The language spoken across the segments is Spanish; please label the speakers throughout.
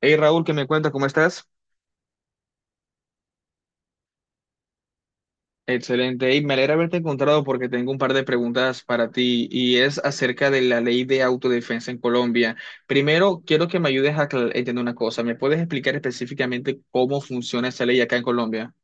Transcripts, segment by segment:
Speaker 1: Hey Raúl, ¿qué me cuentas? ¿Cómo estás? Excelente. Hey, me alegra haberte encontrado porque tengo un par de preguntas para ti y es acerca de la ley de autodefensa en Colombia. Primero, quiero que me ayudes a entender una cosa. ¿Me puedes explicar específicamente cómo funciona esa ley acá en Colombia?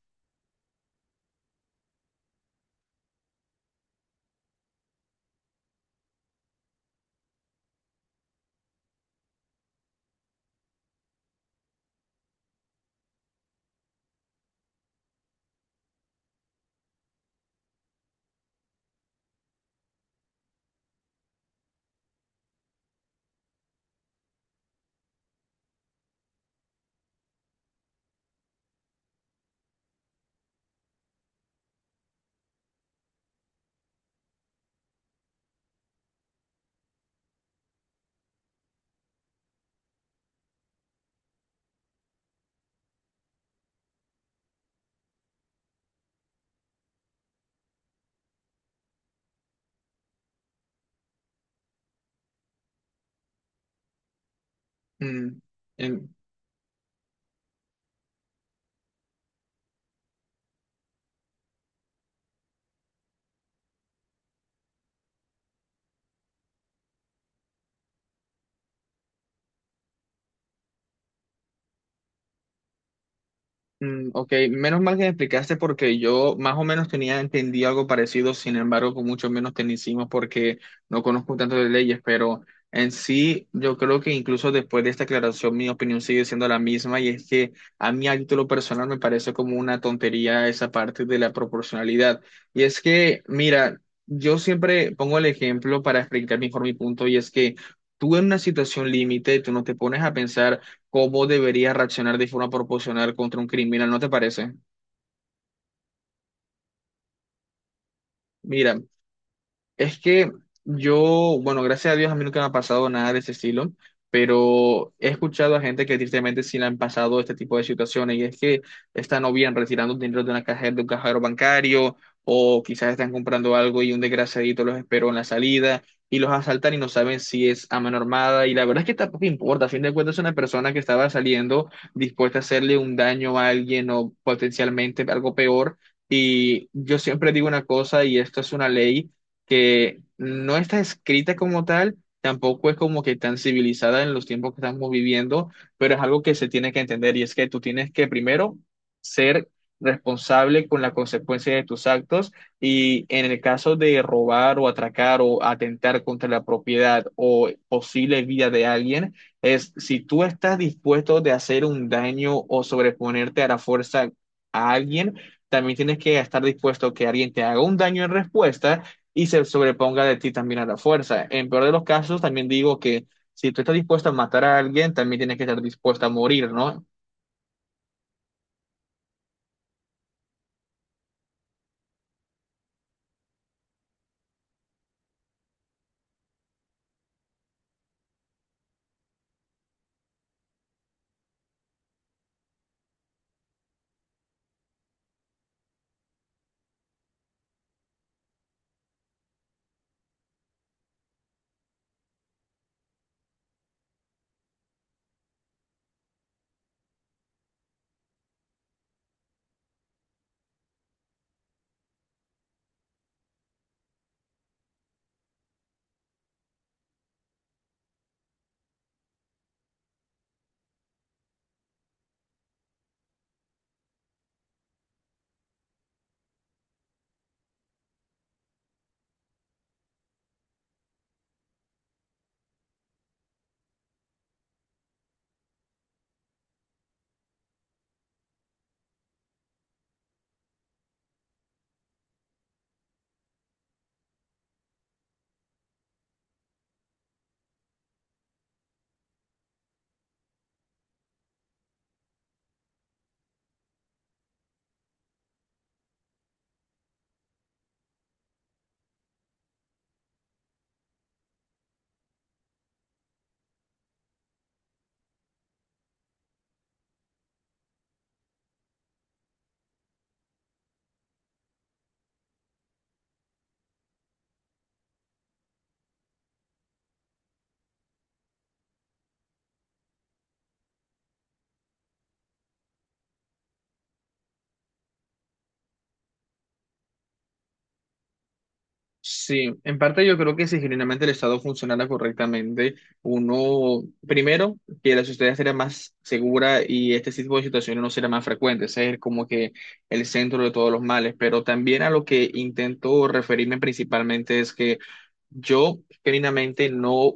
Speaker 1: Mm, en- Mm, ok, menos mal que me explicaste porque yo más o menos tenía entendido algo parecido, sin embargo, con mucho menos tecnicismo porque no conozco tanto de leyes, pero en sí yo creo que incluso después de esta aclaración mi opinión sigue siendo la misma y es que a mí a título personal me parece como una tontería esa parte de la proporcionalidad. Y es que, mira, yo siempre pongo el ejemplo para explicar mejor mi punto y es que tú en una situación límite, tú no te pones a pensar cómo debería reaccionar de forma proporcional contra un criminal, ¿no te parece? Mira, es que yo, bueno, gracias a Dios a mí nunca me ha pasado nada de ese estilo, pero he escuchado a gente que tristemente sí le han pasado este tipo de situaciones y es que están o bien retirando dinero de una cajera, de un cajero bancario o quizás están comprando algo y un desgraciadito los esperó en la salida y los asaltan y no saben si es a mano armada y la verdad es que tampoco importa, a fin de cuentas es una persona que estaba saliendo dispuesta a hacerle un daño a alguien o potencialmente algo peor. Y yo siempre digo una cosa, y esto es una ley que no está escrita como tal, tampoco es como que tan civilizada en los tiempos que estamos viviendo, pero es algo que se tiene que entender, y es que tú tienes que primero ser responsable con la consecuencia de tus actos, y en el caso de robar o atracar o atentar contra la propiedad o posible vida de alguien, es si tú estás dispuesto de hacer un daño o sobreponerte a la fuerza a alguien, también tienes que estar dispuesto que alguien te haga un daño en respuesta y se sobreponga de ti también a la fuerza. En peor de los casos, también digo que si tú estás dispuesto a matar a alguien, también tienes que estar dispuesto a morir, ¿no? Sí, en parte yo creo que si genuinamente el Estado funcionara correctamente, uno, primero, que la sociedad sería más segura y este tipo de situaciones no sería más frecuentes, es como que el centro de todos los males, pero también a lo que intento referirme principalmente es que yo genuinamente no,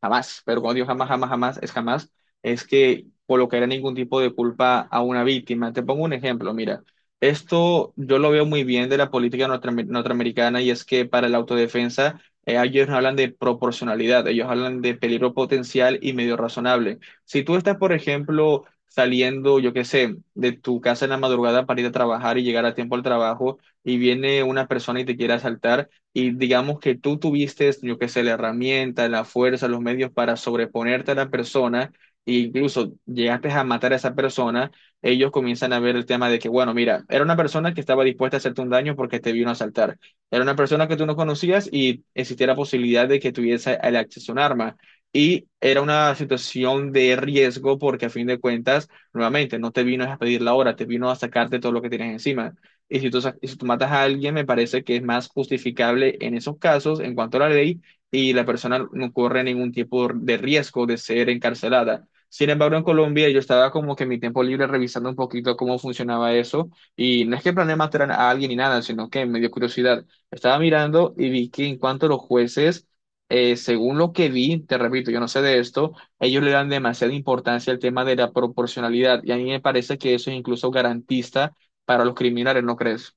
Speaker 1: jamás, pero cuando digo jamás, jamás, jamás, es jamás, es que colocaría ningún tipo de culpa a una víctima. Te pongo un ejemplo, mira. Esto yo lo veo muy bien de la política norteamericana, y es que para la autodefensa ellos no hablan de proporcionalidad, ellos hablan de peligro potencial y medio razonable. Si tú estás, por ejemplo, saliendo, yo qué sé, de tu casa en la madrugada para ir a trabajar y llegar a tiempo al trabajo, y viene una persona y te quiere asaltar y digamos que tú tuviste, yo qué sé, la herramienta, la fuerza, los medios para sobreponerte a la persona e incluso llegaste a matar a esa persona, ellos comienzan a ver el tema de que, bueno, mira, era una persona que estaba dispuesta a hacerte un daño porque te vino a asaltar. Era una persona que tú no conocías y existía la posibilidad de que tuviese el acceso a un arma. Y era una situación de riesgo porque a fin de cuentas, nuevamente, no te vino a pedir la hora, te vino a sacarte todo lo que tienes encima. Y si tú, y si tú matas a alguien, me parece que es más justificable en esos casos en cuanto a la ley, y la persona no corre ningún tipo de riesgo de ser encarcelada. Sin embargo, en Colombia yo estaba como que en mi tiempo libre revisando un poquito cómo funcionaba eso, y no es que planeé matar a alguien ni nada, sino que me dio curiosidad. Estaba mirando y vi que en cuanto a los jueces, según lo que vi, te repito, yo no sé de esto, ellos le dan demasiada importancia al tema de la proporcionalidad y a mí me parece que eso es incluso garantista para los criminales, ¿no crees?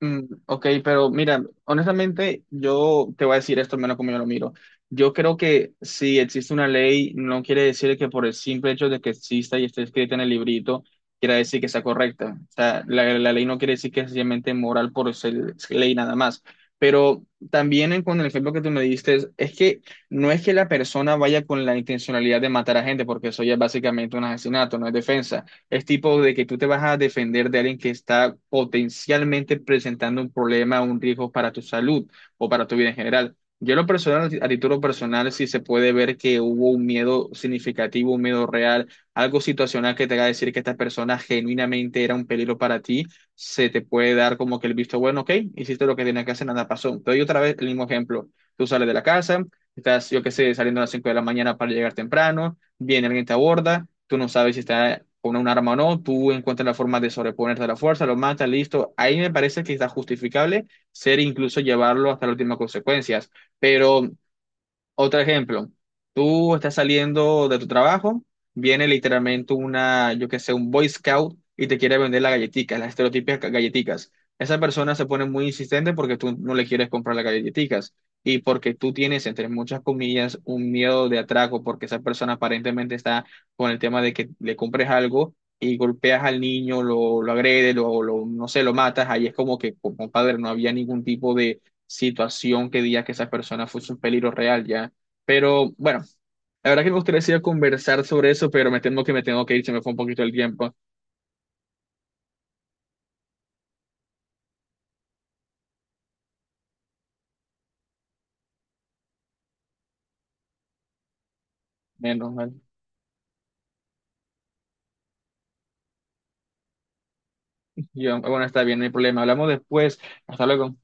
Speaker 1: Mm, ok, pero mira, honestamente, yo te voy a decir esto, al menos como yo lo miro. Yo creo que si existe una ley, no quiere decir que por el simple hecho de que exista y esté escrita en el librito, quiera decir que sea correcta. O sea, la ley no quiere decir que es sencillamente moral por ser ley nada más. Pero también con el ejemplo que tú me diste, es que no es que la persona vaya con la intencionalidad de matar a gente, porque eso ya es básicamente un asesinato, no es defensa. Es tipo de que tú te vas a defender de alguien que está potencialmente presentando un problema, un riesgo para tu salud o para tu vida en general. Yo en lo personal, a título personal, sí se puede ver que hubo un miedo significativo, un miedo real, algo situacional que te haga decir que esta persona genuinamente era un peligro para ti, se te puede dar como que el visto bueno, ok, hiciste lo que tenías que hacer, nada pasó. Te doy otra vez el mismo ejemplo. Tú sales de la casa, estás, yo qué sé, saliendo a las 5 de la mañana para llegar temprano, viene alguien, te aborda, tú no sabes si está con un arma o no, tú encuentras la forma de sobreponerte a la fuerza, lo mata, listo. Ahí me parece que está justificable ser incluso llevarlo hasta las últimas consecuencias, pero otro ejemplo, tú estás saliendo de tu trabajo, viene literalmente una, yo que sé, un Boy Scout y te quiere vender las galletitas, las estereotípicas galletitas. Esa persona se pone muy insistente porque tú no le quieres comprar las galletitas y porque tú tienes, entre muchas comillas, un miedo de atraco porque esa persona aparentemente está con el tema de que le compres algo, y golpeas al niño, lo agredes, lo, no sé, lo matas. Ahí es como que, compadre, no había ningún tipo situación que diga que esa persona fuese un peligro real ya. Pero bueno, la verdad que me gustaría seguir conversar sobre eso, pero me temo que me tengo que ir, se me fue un poquito el tiempo. Menos mal. Yo, bueno, está bien, no hay problema. Hablamos después. Hasta luego.